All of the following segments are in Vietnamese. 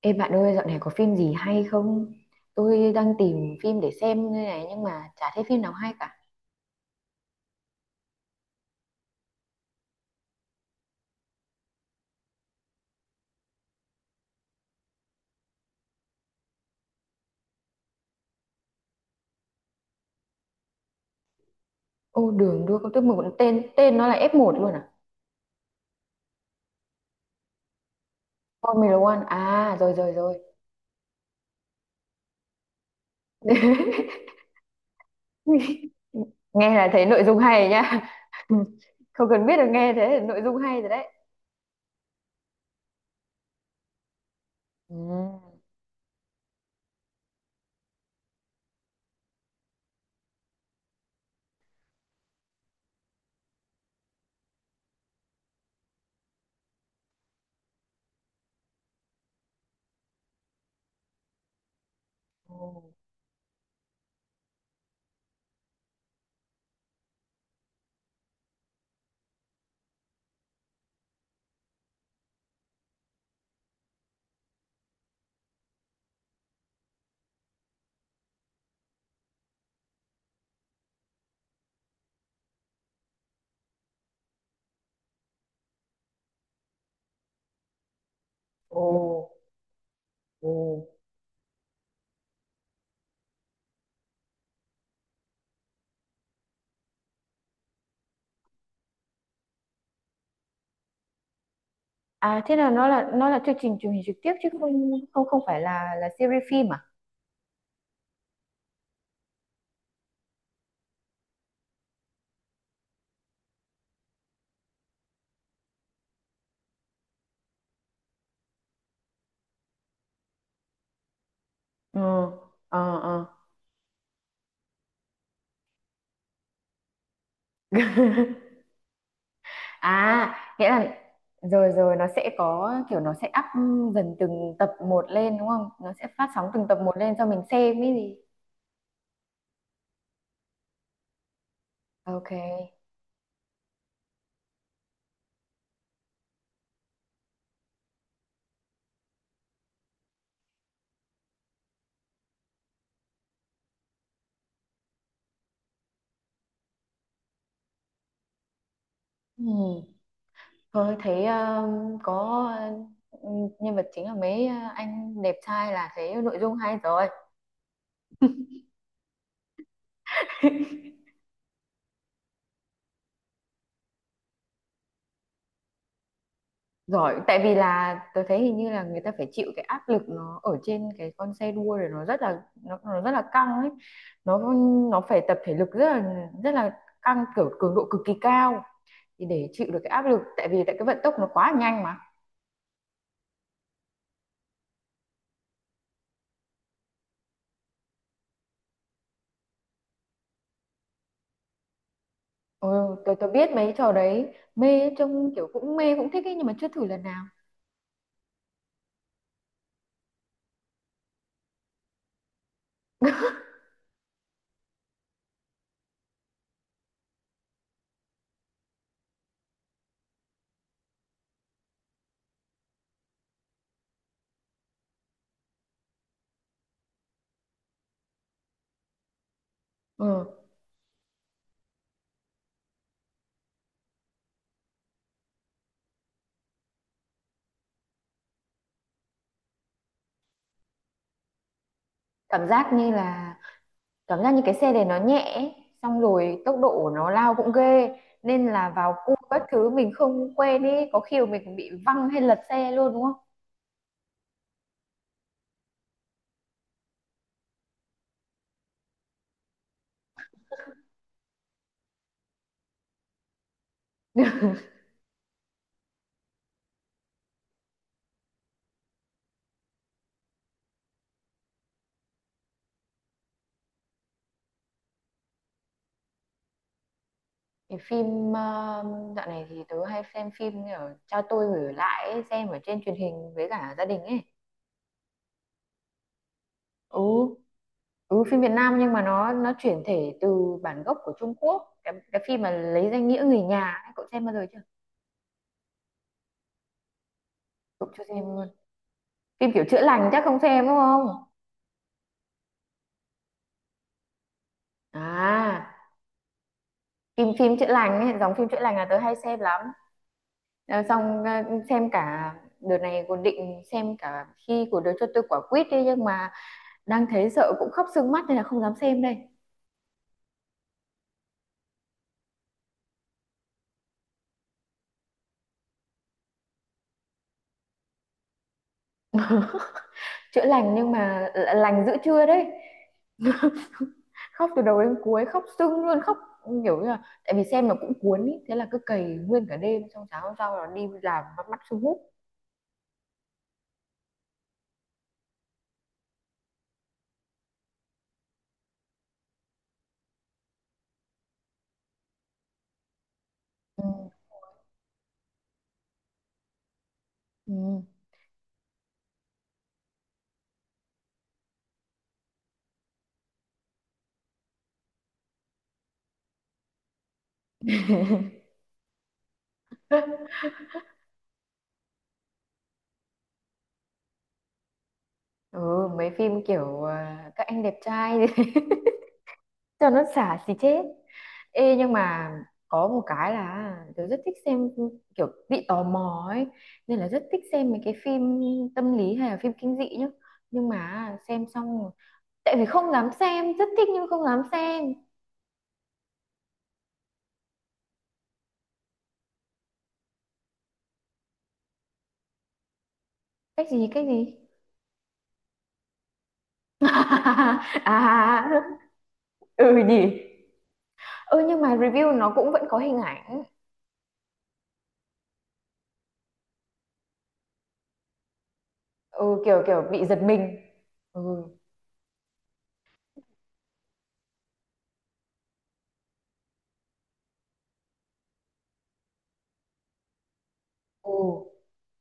Ê bạn ơi, dạo này có phim gì hay không? Tôi đang tìm phim để xem đây này nhưng mà chả thấy phim nào hay cả. Ô đường đua công thức 11 tên tên nó là F1 luôn à? Formula One. À, rồi rồi rồi. Nghe là thấy nội dung hay nhá. Không cần biết được nghe thế là nội dung hay rồi đấy. Ừ. Ồ. Ồ. Ồ. À, thế là nó là chương trình truyền hình trực tiếp chứ không không không phải là series phim à? Ừ. Ờ ờ. À, nghĩa là rồi rồi nó sẽ có kiểu nó sẽ up dần từng tập một lên đúng không? Nó sẽ phát sóng từng tập một lên cho mình xem ấy gì. Ok. Ừ. Thôi thấy có nhân vật chính là mấy anh đẹp trai là thấy nội dung hay rồi. Giỏi, tại vì là tôi thấy hình như là người ta phải chịu cái áp lực nó ở trên cái con xe đua rồi nó rất là nó rất là căng ấy. Nó nó phải tập thể lực rất là căng kiểu cường độ cực kỳ cao. Thì để chịu được cái áp lực tại vì tại cái vận tốc nó quá nhanh mà. Ừ, tôi biết mấy trò đấy mê trông kiểu cũng mê cũng thích ấy nhưng mà chưa thử lần nào. Ừ, cảm giác như là cảm giác như cái xe này nó nhẹ ấy, xong rồi tốc độ của nó lao cũng ghê nên là vào cua các thứ mình không quen ấy có khi mà mình còn bị văng hay lật xe luôn đúng không? Cái phim dạo này thì tớ hay xem phim ở cha tôi gửi lại ấy, xem ở trên truyền hình với cả gia đình ấy. Ừ ừ, phim Việt Nam nhưng mà nó chuyển thể từ bản gốc của Trung Quốc cái phim mà lấy danh nghĩa người nhà ấy, cậu xem bao giờ chưa? Cậu chưa xem luôn phim kiểu chữa lành chắc không xem đúng không? À, phim phim chữa lành ấy, dòng phim chữa lành là tớ hay xem lắm. Ờ, xong xem cả đợt này còn định xem cả khi của đứa cho tôi quả quýt đi nhưng mà đang thấy sợ cũng khóc sưng mắt nên là không dám xem đây. chữa lành nhưng mà lành giữa trưa đấy. khóc từ đầu đến cuối khóc sưng luôn khóc kiểu như là tại vì xem nó cũng cuốn ý thế là cứ cày nguyên cả đêm xong sáng hôm sau là đi làm bắt mắt sưng húp. Ừ. Ừ. ừ mấy phim kiểu à, các anh đẹp trai cho nó xả xì chết. Ê nhưng mà có một cái là tớ rất thích xem kiểu bị tò mò ấy nên là rất thích xem mấy cái phim tâm lý hay là phim kinh dị nhá nhưng mà xem xong rồi- tại vì không dám xem rất thích nhưng không dám xem. Cách gì cách gì? à, ừ nhỉ. Ừ nhưng mà review nó cũng vẫn có hình ảnh. Ừ kiểu kiểu bị giật mình. Ừ. Ừ,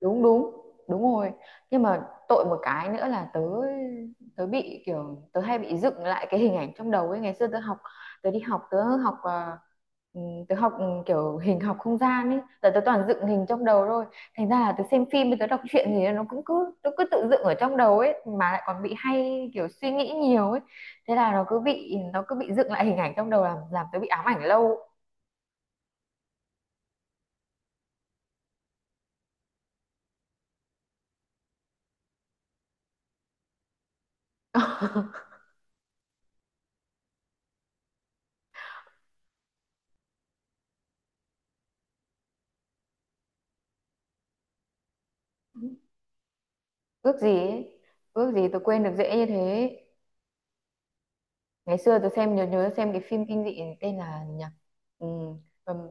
đúng đúng, đúng rồi. Nhưng mà tội một cái nữa là tớ tớ bị kiểu tớ hay bị dựng lại cái hình ảnh trong đầu ấy ngày xưa tớ học tớ đi học ừ, tớ học ừ, kiểu hình học không gian ấy giờ tớ toàn dựng hình trong đầu thôi. Thành ra là tớ xem phim tớ đọc truyện gì nó cũng cứ tớ cứ tự dựng ở trong đầu ấy mà lại còn bị hay kiểu suy nghĩ nhiều ấy. Thế là nó cứ bị dựng lại hình ảnh trong đầu làm tớ bị ám ảnh lâu. ước gì ấy, ước gì tớ quên được dễ như thế. Ngày xưa tôi xem nhớ nhớ xem cái phim kinh dị tên là nhỉ ừ,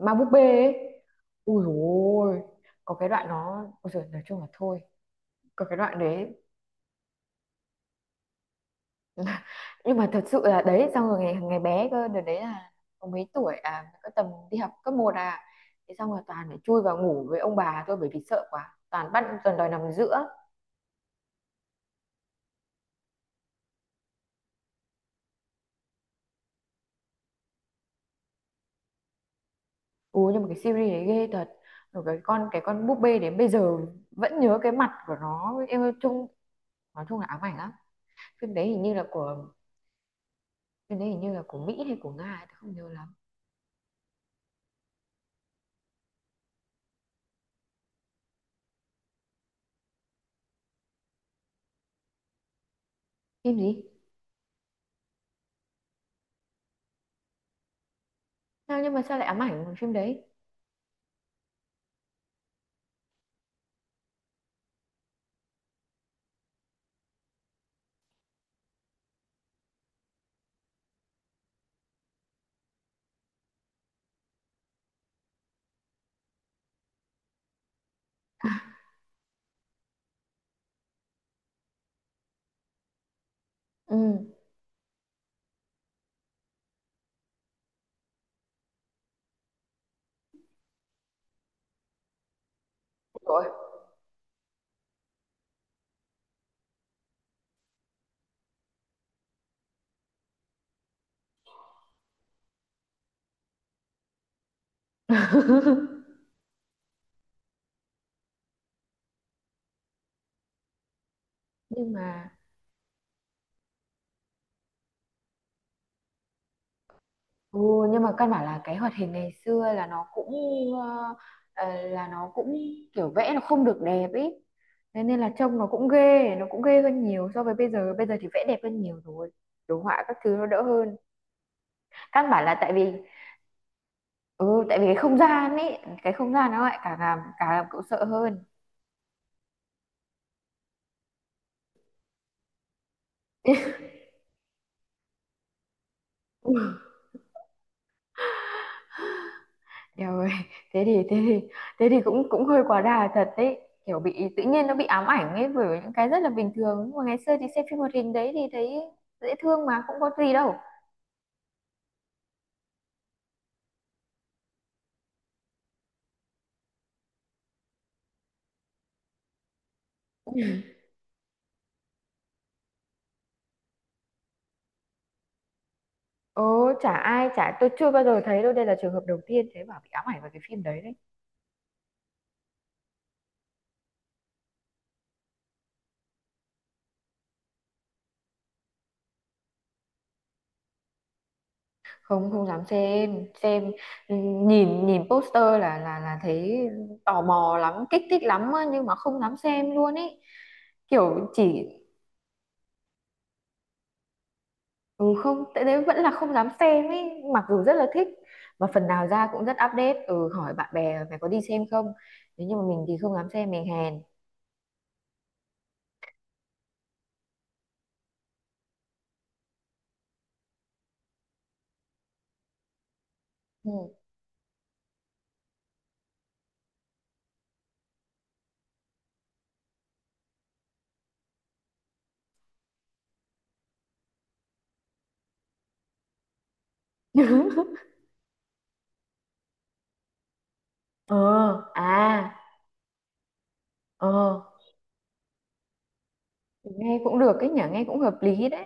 ma búp bê ấy. Ui dồi ôi có cái đoạn nó ôi giời, nói chung là thôi có cái đoạn đấy. nhưng mà thật sự là đấy xong rồi ngày ngày bé cơ đợt đấy là có mấy tuổi à có tầm đi học cấp một à thế xong rồi toàn phải chui vào ngủ với ông bà thôi bởi vì sợ quá toàn bắt toàn đòi nằm giữa. Ui nhưng mà cái series đấy ghê thật rồi cái con búp bê đến bây giờ vẫn nhớ cái mặt của nó em ơi, chung nói chung là ám ảnh lắm. phim đấy hình như là của Phim đấy hình như là của Mỹ hay của Nga ấy, tớ không nhớ lắm. Phim gì sao nhưng mà sao lại ám ảnh bằng phim đấy. Ừ rồi nhưng mà ừ, nhưng mà căn bản là cái hoạt hình ngày xưa là nó cũng ờ, là nó cũng kiểu vẽ nó không được đẹp ý thế nên là trông nó cũng ghê hơn nhiều so với bây giờ thì vẽ đẹp hơn nhiều rồi đồ họa các thứ nó đỡ hơn. Căn bản là tại vì ừ tại vì cái không gian ấy cái không gian nó lại càng làm cậu sợ hơn. Eo thế thì thế thì thế thì cũng cũng hơi quá đà thật đấy kiểu bị tự nhiên nó bị ám ảnh ấy bởi những cái rất là bình thường nhưng mà ngày xưa thì xem phim hoạt hình đấy thì thấy dễ thương mà không có gì đâu. Ồ chả ai chả tôi chưa bao giờ thấy đâu đây là trường hợp đầu tiên thế bảo bị ám ảnh với cái phim đấy đấy. Không, không dám xem xem. Ừ, nhìn nhìn poster là là thấy tò mò lắm kích thích lắm á, nhưng mà không dám xem luôn ấy kiểu chỉ. Ừ không, tại đấy vẫn là không dám xem ấy, mặc dù rất là thích và phần nào ra cũng rất update, ừ hỏi bạn bè mày có đi xem không? Nếu như mà mình thì không dám xem mình hèn. Ừ. Ờ, à, ờ, nghe cũng được cái nhỉ, nghe cũng hợp lý đấy.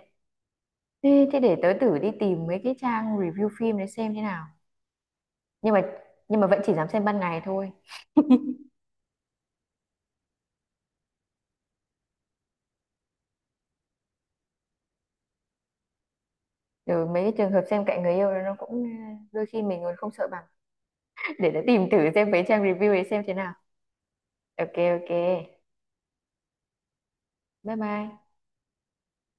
Thế, thế để tớ thử đi tìm mấy cái trang review phim để xem thế nào. Nhưng mà nhưng mà vẫn chỉ dám xem ban ngày thôi. Ừ, mấy cái trường hợp xem cạnh người yêu đó nó cũng ờ, đôi khi mình còn không sợ bằng. Để tớ tìm thử xem mấy trang review để xem thế nào. Ok ok. Bye bye.